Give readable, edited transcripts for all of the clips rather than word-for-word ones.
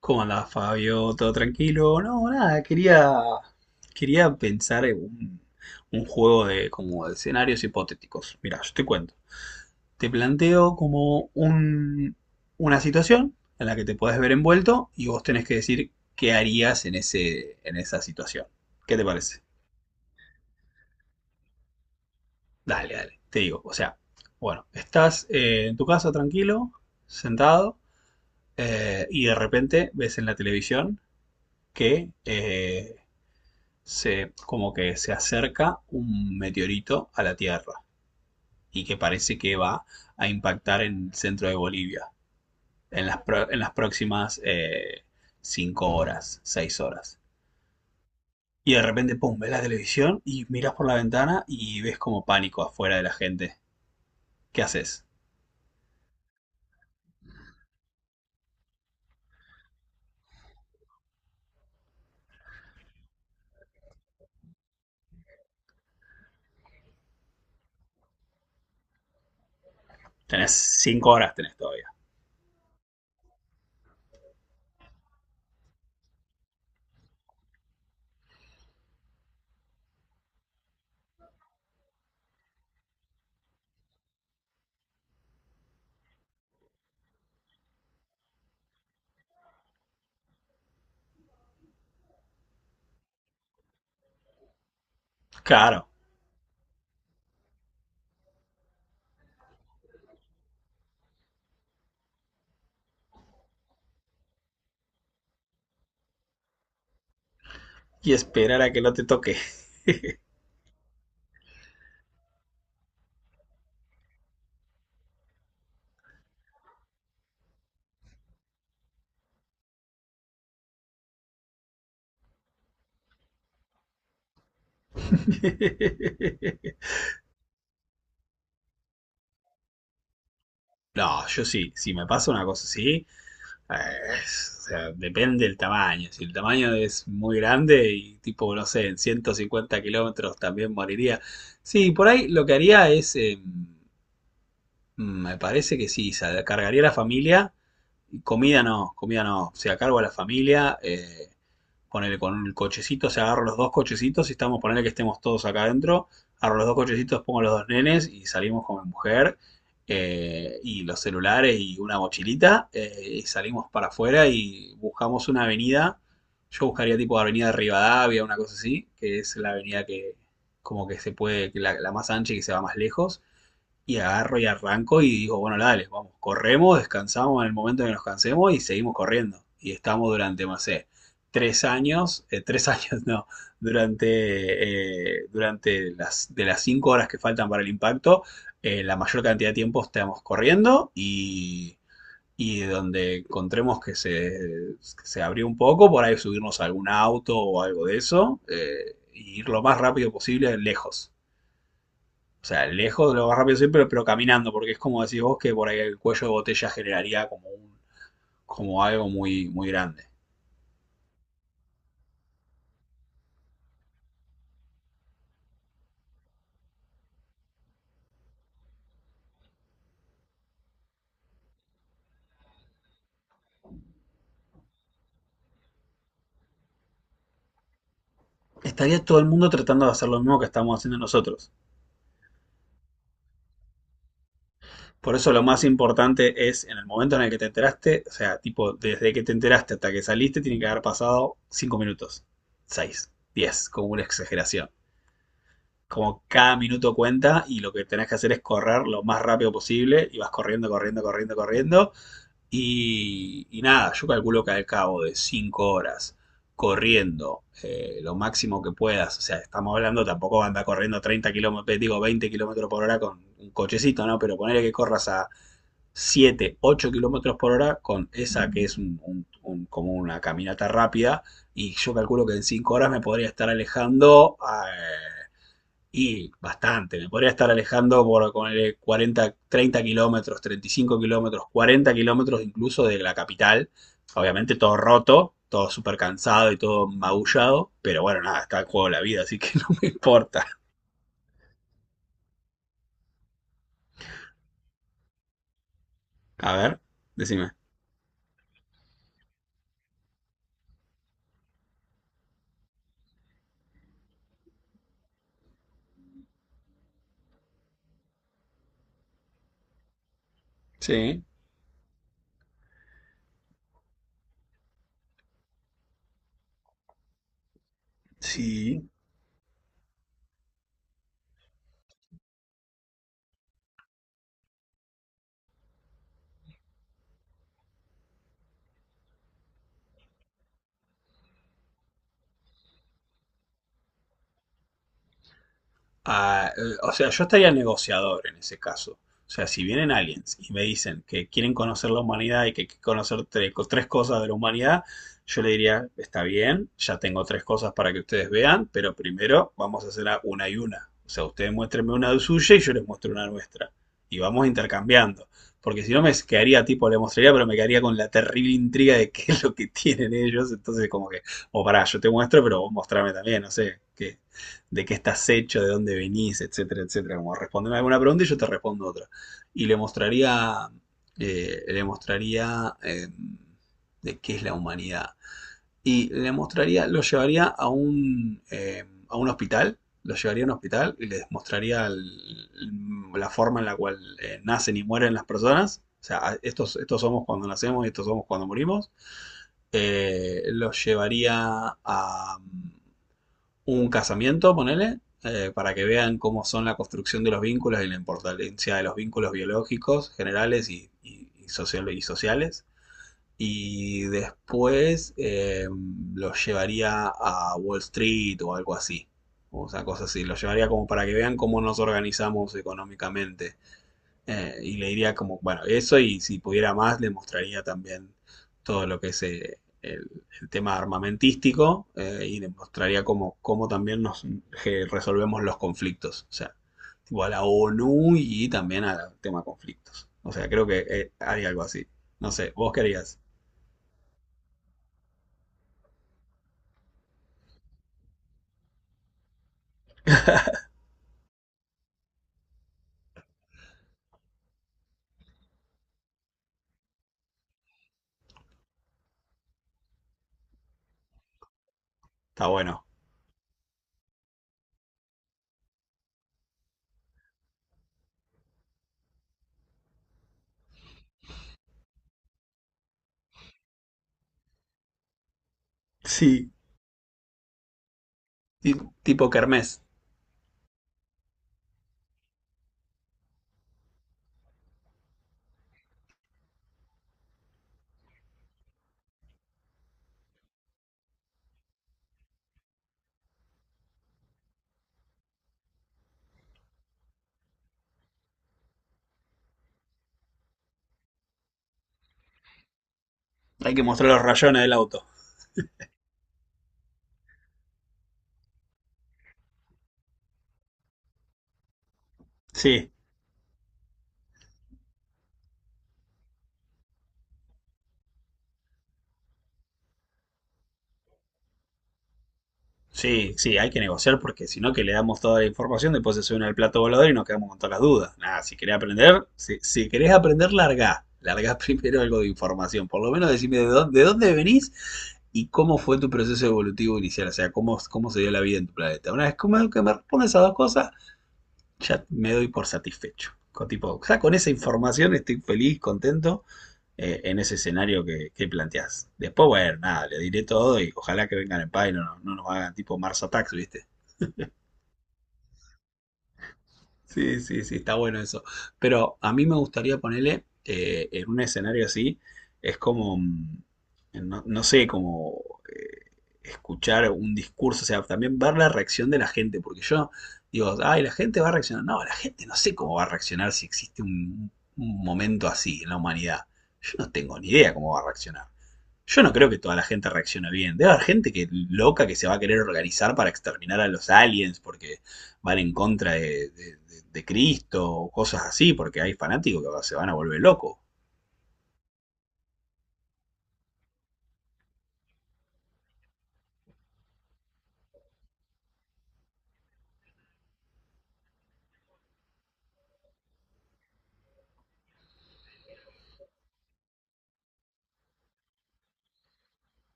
¿Cómo andás, Fabio? ¿Todo tranquilo? No, nada, quería pensar en un juego de, como de escenarios hipotéticos. Mira, yo te cuento. Te planteo como una situación en la que te puedes ver envuelto y vos tenés que decir qué harías en en esa situación. ¿Qué te parece? Dale, dale, te digo. O sea, bueno, estás en tu casa tranquilo, sentado, y de repente ves en la televisión que como que se acerca un meteorito a la Tierra y que parece que va a impactar en el centro de Bolivia en en las próximas 5 horas, 6 horas. Y de repente, pum, ves la televisión y miras por la ventana y ves como pánico afuera de la gente. ¿Qué haces? Tenés 5 horas, tenés todavía. Claro. Y esperar a que no te toque. No, yo sí, si me pasa una cosa así. Ah, o sea, depende del tamaño. Si el tamaño es muy grande y tipo, no sé, en 150 kilómetros también moriría. Sí, por ahí lo que haría es, me parece que sí, cargaría a la familia. Comida no, comida no. O sea, a cargo de la familia, ponele con el cochecito, o sea, agarro los dos cochecitos y estamos, ponele que estemos todos acá adentro, agarro los dos cochecitos, pongo los dos nenes y salimos con mi mujer, y los celulares y una mochilita, y salimos para afuera y buscamos una avenida. Yo buscaría tipo avenida de Rivadavia, una cosa así, que es la avenida que como que se puede, que la más ancha y que se va más lejos, y agarro y arranco y digo, bueno, dale, vamos, corremos, descansamos en el momento en que nos cansemos y seguimos corriendo. Y estamos durante, no sé, 3 años, 3 años no, durante, de las 5 horas que faltan para el impacto, la mayor cantidad de tiempo estamos corriendo, y donde encontremos que se abrió un poco, por ahí subirnos a algún auto o algo de eso, y ir lo más rápido posible lejos. O sea, lejos de lo más rápido siempre, pero caminando, porque es como decís vos que por ahí el cuello de botella generaría como, como algo muy, muy grande. Estaría todo el mundo tratando de hacer lo mismo que estamos haciendo nosotros. Por eso lo más importante es en el momento en el que te enteraste, o sea, tipo, desde que te enteraste hasta que saliste, tiene que haber pasado 5 minutos, 6, 10, como una exageración. Como cada minuto cuenta y lo que tenés que hacer es correr lo más rápido posible y vas corriendo, corriendo, corriendo, corriendo. Y nada, yo calculo que al cabo de 5 horas corriendo, lo máximo que puedas, o sea, estamos hablando, tampoco anda corriendo 30 kilómetros, digo 20 kilómetros por hora con un cochecito, ¿no? Pero ponerle que corras a 7 8 kilómetros por hora con esa que es como una caminata rápida, y yo calculo que en 5 horas me podría estar alejando a y bastante, me podría estar alejando por ponerle 40, 30 kilómetros, 35 kilómetros, 40 kilómetros incluso de la capital. Obviamente todo roto, todo súper cansado y todo magullado, pero bueno, nada, está en juego la vida, así que no me importa. A ver, decime. Sí, sí, a- o sea, yo estaría negociador en ese caso. O sea, si vienen aliens y me dicen que quieren conocer la humanidad y que hay que conocer tres cosas de la humanidad, yo le diría, está bien, ya tengo tres cosas para que ustedes vean, pero primero vamos a hacerla una y una. O sea, ustedes muéstrenme una de suya y yo les muestro una nuestra. Y vamos intercambiando. Porque si no me quedaría tipo, le mostraría, pero me quedaría con la terrible intriga de qué es lo que tienen ellos. Entonces, como que, o pará, yo te muestro, pero vos mostrame también, no sé, qué, de qué estás hecho, de dónde venís, etcétera, etcétera. Como responderme alguna pregunta y yo te respondo otra. Y le mostraría, eh, le mostraría eh, de qué es la humanidad. Y le mostraría, lo llevaría a a un hospital, lo llevaría a un hospital y les mostraría la forma en la cual nacen y mueren las personas. O sea, estos, estos somos cuando nacemos y estos somos cuando morimos. Los llevaría a un casamiento, ponele, para que vean cómo son la construcción de los vínculos y la importancia de los vínculos biológicos, generales y sociales. Y después los llevaría a Wall Street o algo así. O sea, cosas así. Los llevaría como para que vean cómo nos organizamos económicamente, y le diría como, bueno, eso, y si pudiera más le mostraría también todo lo que es el tema armamentístico, y le mostraría cómo, cómo también nos que resolvemos los conflictos. O sea, tipo a la ONU y también al tema conflictos. O sea, creo que haría algo así. No sé, vos qué harías. Está bueno. Sí, ti- tipo Kermés. Hay que mostrar los rayones del auto. Sí. Sí, sí, hay que negociar porque si no, que le damos toda la información, después se suben al plato volador y nos quedamos con todas las dudas. Nada, si querés aprender, si querés aprender, larga. Larga primero algo de información. Por lo menos decime de dónde venís y cómo fue tu proceso evolutivo inicial. O sea, cómo, cómo se dio la vida en tu planeta. Una vez que me respondes a dos cosas, ya me doy por satisfecho. Con, tipo, o sea, con esa información estoy feliz, contento, en ese escenario que planteás. Después, bueno, nada, le diré todo y ojalá que vengan en paz y no, no nos hagan tipo Mars Attacks, ¿viste? Sí, sí, sí, está bueno eso. Pero a mí me gustaría ponerle en un escenario así, es como, mm, no, no sé, como eh, escuchar un discurso, o sea, también ver la reacción de la gente, porque yo digo, ay, la gente va a reaccionar. No, la gente no sé cómo va a reaccionar si existe un momento así en la humanidad. Yo no tengo ni idea cómo va a reaccionar. Yo no creo que toda la gente reaccione bien. Debe haber gente que loca que se va a querer organizar para exterminar a los aliens porque van en contra de Cristo o cosas así, porque hay fanáticos que se van a volver locos.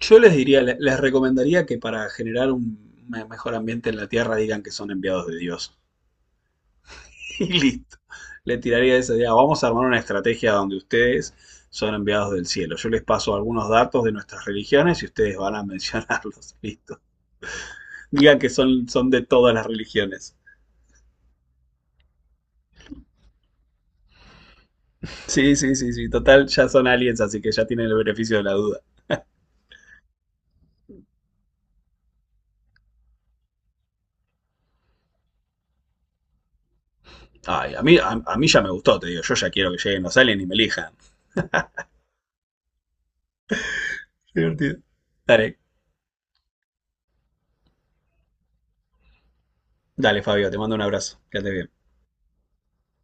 Yo les diría, les recomendaría que para generar un mejor ambiente en la Tierra digan que son enviados de Dios. Y listo. Le tiraría esa idea. Vamos a armar una estrategia donde ustedes son enviados del cielo. Yo les paso algunos datos de nuestras religiones y ustedes van a mencionarlos. Listo. Digan que son, son de todas las religiones. Sí, sí, sí, sí. Total, ya son aliens, así que ya tienen el beneficio de la duda. Ay, a mí, a mí ya me gustó, te digo. Yo ya quiero que lleguen los aliens y me elijan. Divertido. Dale, dale, Fabio, te mando un abrazo. Quédate bien.